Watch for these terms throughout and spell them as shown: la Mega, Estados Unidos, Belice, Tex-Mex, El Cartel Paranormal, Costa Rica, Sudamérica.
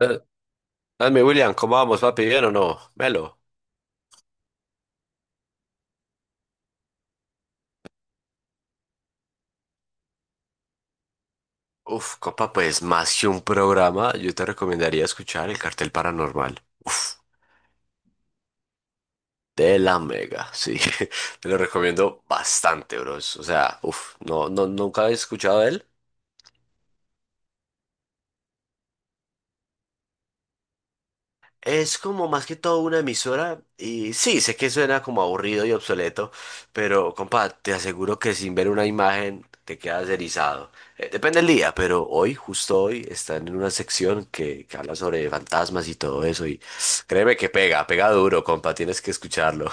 Eh, Dame, William, ¿cómo vamos, papi? ¿Bien o no? Melo. Uf, copa, pues más que un programa, yo te recomendaría escuchar El Cartel Paranormal. Uf, de la Mega, sí. Te lo recomiendo bastante, bros. O sea, uf, no, no, nunca he escuchado de él. Es como más que todo una emisora y sí, sé que suena como aburrido y obsoleto, pero compa, te aseguro que sin ver una imagen te quedas erizado. Depende del día, pero hoy, justo hoy, están en una sección que habla sobre fantasmas y todo eso, y créeme que pega, pega duro, compa, tienes que escucharlo.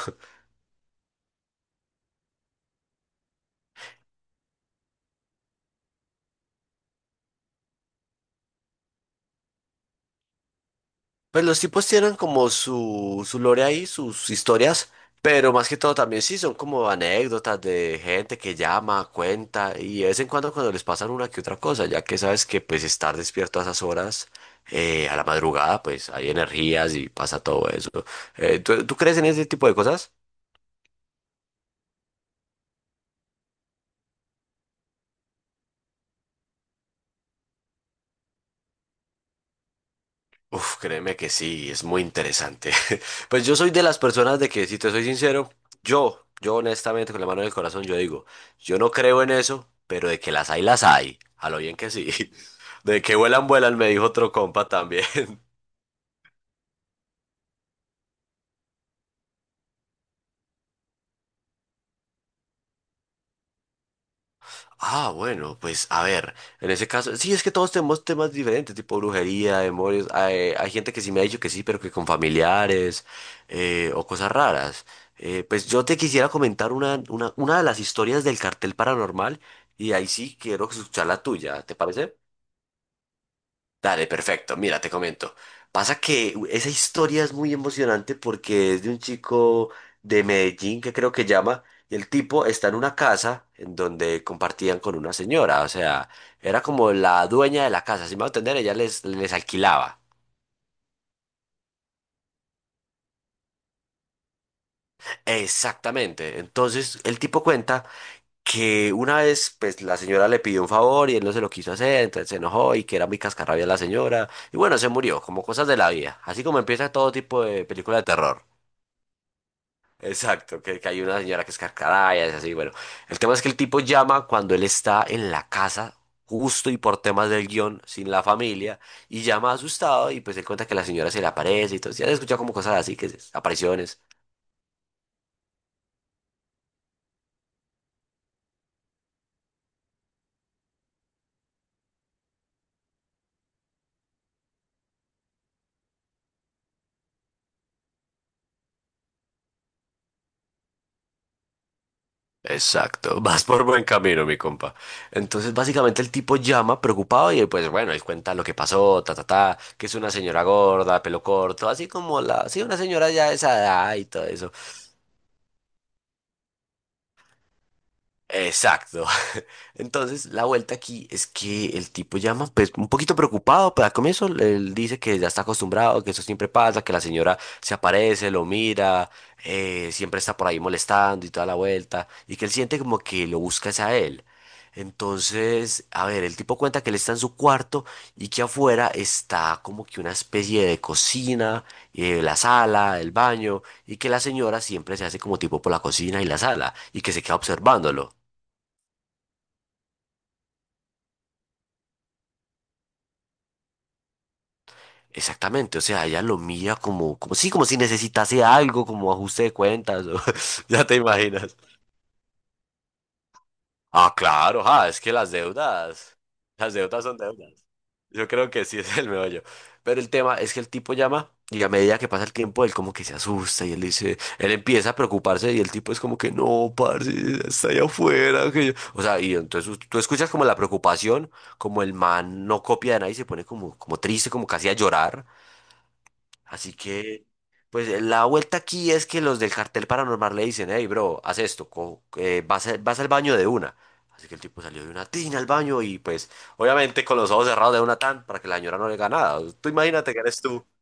Pues los tipos tienen como su lore ahí, sus historias, pero más que todo también sí son como anécdotas de gente que llama, cuenta y de vez en cuando cuando les pasan una que otra cosa, ya que sabes que pues estar despierto a esas horas, a la madrugada, pues hay energías y pasa todo eso. ¿Tú crees en ese tipo de cosas? Uf, créeme que sí, es muy interesante. Pues yo soy de las personas de que, si te soy sincero, yo honestamente, con la mano en el corazón, yo digo, yo no creo en eso, pero de que las hay, las hay. A lo bien que sí. De que vuelan, vuelan, me dijo otro compa también. Ah, bueno, pues a ver, en ese caso, sí, es que todos tenemos temas diferentes, tipo brujería, demonios. Hay gente que sí me ha dicho que sí, pero que con familiares, o cosas raras. Pues yo te quisiera comentar una de las historias del Cartel Paranormal y ahí sí quiero escuchar la tuya, ¿te parece? Dale, perfecto. Mira, te comento. Pasa que esa historia es muy emocionante porque es de un chico de Medellín que creo que llama, y el tipo está en una casa en donde compartían con una señora, o sea, era como la dueña de la casa, si me va a entender, ella les, les alquilaba. Exactamente. Entonces, el tipo cuenta que una vez, pues, la señora le pidió un favor y él no se lo quiso hacer, entonces se enojó y que era muy cascarrabia la señora, y bueno, se murió, como cosas de la vida, así como empieza todo tipo de película de terror. Exacto, que hay una señora que es carcada y es así, bueno. El tema es que el tipo llama cuando él está en la casa, justo y por temas del guión, sin la familia, y llama asustado y pues él cuenta que la señora se le aparece y todo. Ya se escucha como cosas así, apariciones. Exacto, vas por buen camino, mi compa. Entonces, básicamente el tipo llama preocupado y pues bueno, él cuenta lo que pasó, ta, ta, ta, que es una señora gorda, pelo corto, así como la, sí, una señora ya de esa edad y todo eso. Exacto. Entonces, la vuelta aquí es que el tipo llama, pues, un poquito preocupado, pero al comienzo él dice que ya está acostumbrado, que eso siempre pasa, que la señora se aparece, lo mira, siempre está por ahí molestando y toda la vuelta, y que él siente como que lo busca es a él. Entonces, a ver, el tipo cuenta que él está en su cuarto y que afuera está como que una especie de cocina, la sala, el baño, y que la señora siempre se hace como tipo por la cocina y la sala, y que se queda observándolo. Exactamente, o sea, ella lo mira como, como sí, como si necesitase algo, como ajuste de cuentas, o- ya te imaginas. Ah, claro, ah, es que las deudas son deudas. Yo creo que sí es el meollo. Pero el tema es que el tipo llama y a medida que pasa el tiempo, él como que se asusta y él dice, él empieza a preocuparse y el tipo es como que no, parce, está allá afuera, que yo... O sea, y entonces tú escuchas como la preocupación, como el man no copia de nadie, se pone como, como triste, como casi a llorar. Así que, pues la vuelta aquí es que los del Cartel Paranormal le dicen, hey, bro, haz esto, vas, vas al baño de una. Así que el tipo salió de una tina al baño y pues obviamente con los ojos cerrados de una tan para que la señora no le haga nada. Tú imagínate que eres tú.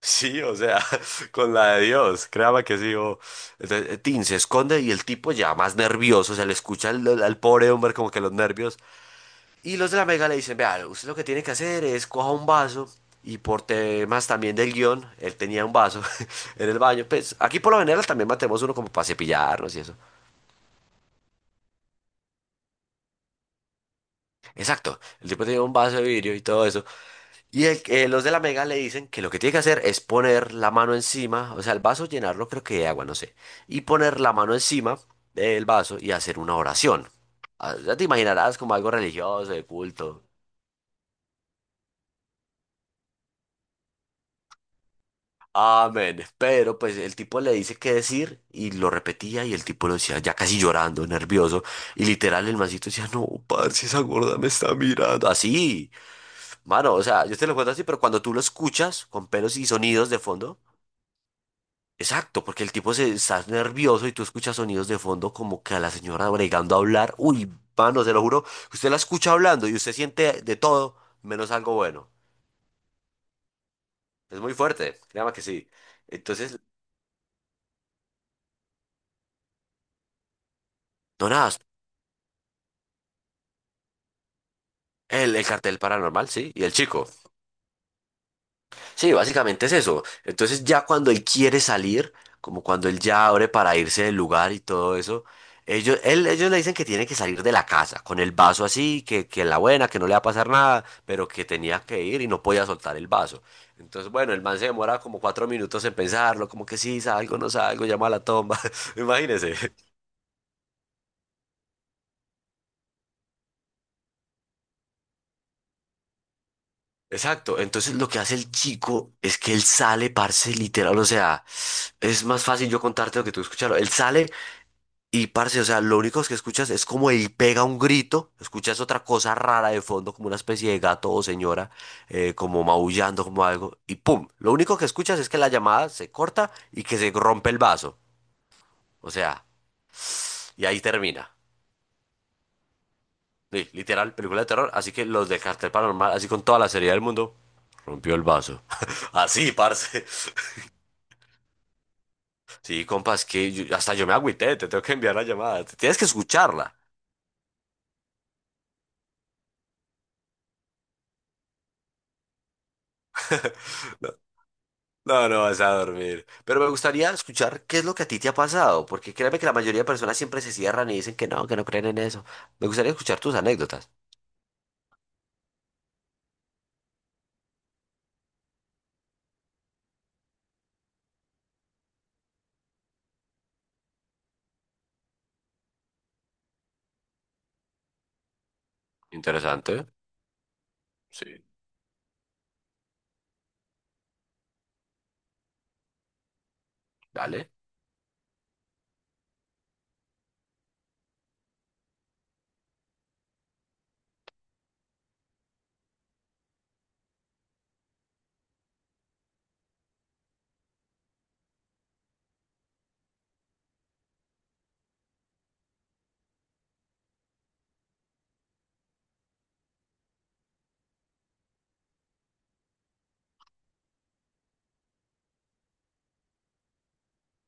Sí, o sea, con la de Dios, créame que sí. O... Entonces, Tin se esconde y el tipo ya más nervioso, se le escucha al pobre hombre como que los nervios. Y los de la Mega le dicen, vea, usted lo que tiene que hacer es coja un vaso y por temas también del guión, él tenía un vaso en el baño. Pues aquí por lo general también matemos uno como para cepillarnos y eso. Exacto, el tipo tenía un vaso de vidrio y todo eso. Los de la Mega le dicen que lo que tiene que hacer es poner la mano encima, o sea, el vaso llenarlo creo que de agua, no sé, y poner la mano encima del vaso y hacer una oración. Ah, ya te imaginarás como algo religioso, de culto. Amén. Pero pues el tipo le dice qué decir y lo repetía y el tipo lo decía ya casi llorando, nervioso. Y literal el mancito decía, no, parce, esa gorda me está mirando. Así, mano, o sea, yo te lo cuento así, pero cuando tú lo escuchas con pelos y sonidos de fondo, exacto, porque el tipo se está nervioso y tú escuchas sonidos de fondo como que a la señora bregando a hablar. Uy, mano, se lo juro, usted la escucha hablando y usted siente de todo menos algo bueno. Es muy fuerte, créame que sí. Entonces... No, nada. El Cartel Paranormal, sí, y el chico. Sí, básicamente es eso. Entonces ya cuando él quiere salir, como cuando él ya abre para irse del lugar y todo eso, ellos le dicen que tiene que salir de la casa, con el vaso así, que la buena, que no le va a pasar nada, pero que tenía que ir y no podía soltar el vaso. Entonces, bueno, el man se demora como cuatro minutos en pensarlo, como que sí, salgo, no salgo, llama a la tomba, imagínese. Exacto, entonces lo que hace el chico es que él sale, parce, literal, o sea, es más fácil yo contarte lo que tú escucharlo. Él sale y, parce, o sea, lo único que escuchas es como él pega un grito, escuchas otra cosa rara de fondo, como una especie de gato o señora, como maullando, como algo, y pum, lo único que escuchas es que la llamada se corta y que se rompe el vaso, o sea, y ahí termina. Sí, literal, película de terror, así que los de Cartel Paranormal, así con toda la seriedad del mundo, rompió el vaso. Así, parce. Sí, compas, hasta yo me agüité, te tengo que enviar la llamada, tienes que escucharla. No, no, no vas a dormir. Pero me gustaría escuchar qué es lo que a ti te ha pasado, porque créeme que la mayoría de personas siempre se cierran y dicen que no creen en eso. Me gustaría escuchar tus anécdotas. Interesante, sí, dale.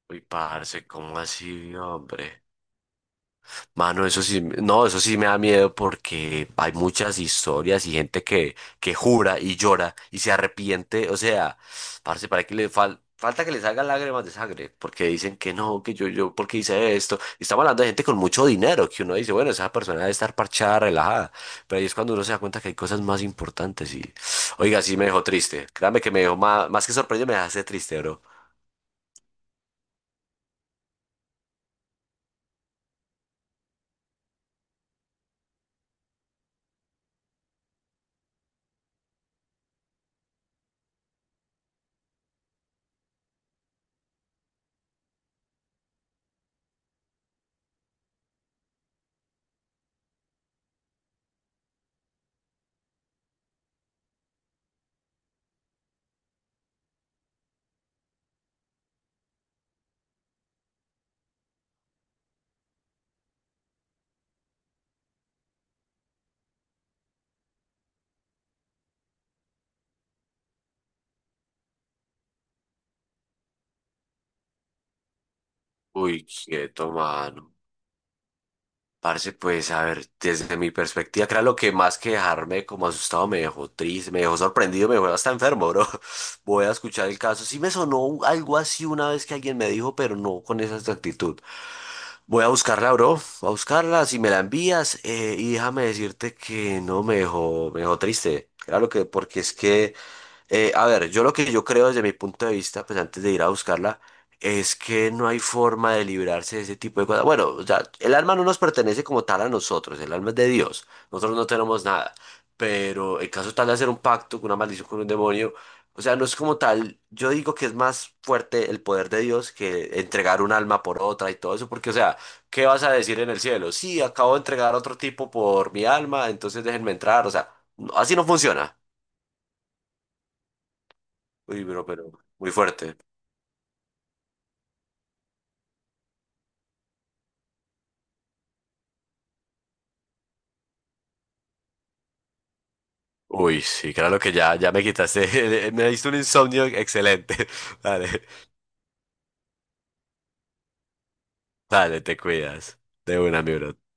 Uy, parce, ¿cómo así, hombre? Mano, eso sí, no, eso sí me da miedo porque hay muchas historias y gente que jura y llora y se arrepiente. O sea, parce, para que le falta que le haga lágrimas de sangre porque dicen que no, que yo, porque hice esto. Y estamos hablando de gente con mucho dinero que uno dice, bueno, esa persona debe estar parchada, relajada. Pero ahí es cuando uno se da cuenta que hay cosas más importantes. Y, oiga, sí me dejó triste. Créame que me dejó más, más que sorprendido, me dejaste triste, bro. Uy, quieto, mano. Parce, pues a ver, desde mi perspectiva, creo lo que más que dejarme como asustado me dejó triste, me dejó sorprendido, me dejó hasta enfermo, bro. Voy a escuchar el caso. Sí me sonó algo así una vez que alguien me dijo, pero no con esa exactitud. Voy a buscarla, bro. Voy a buscarla, si me la envías, y déjame decirte que no me dejó, me dejó triste. Claro que, porque es que a ver, yo lo que yo creo desde mi punto de vista, pues antes de ir a buscarla, es que no hay forma de librarse de ese tipo de cosas. Bueno, o sea, el alma no nos pertenece como tal a nosotros, el alma es de Dios, nosotros no tenemos nada, pero el caso tal de hacer un pacto con una maldición con un demonio, o sea, no es como tal, yo digo que es más fuerte el poder de Dios que entregar un alma por otra y todo eso, porque o sea, ¿qué vas a decir en el cielo? Sí, acabo de entregar a otro tipo por mi alma, entonces déjenme entrar, o sea, así no funciona. Uy, bro, pero muy fuerte. Uy, sí, claro que ya, ya me quitaste. Me diste un insomnio excelente. Dale, dale, te cuidas. De una, mi bro.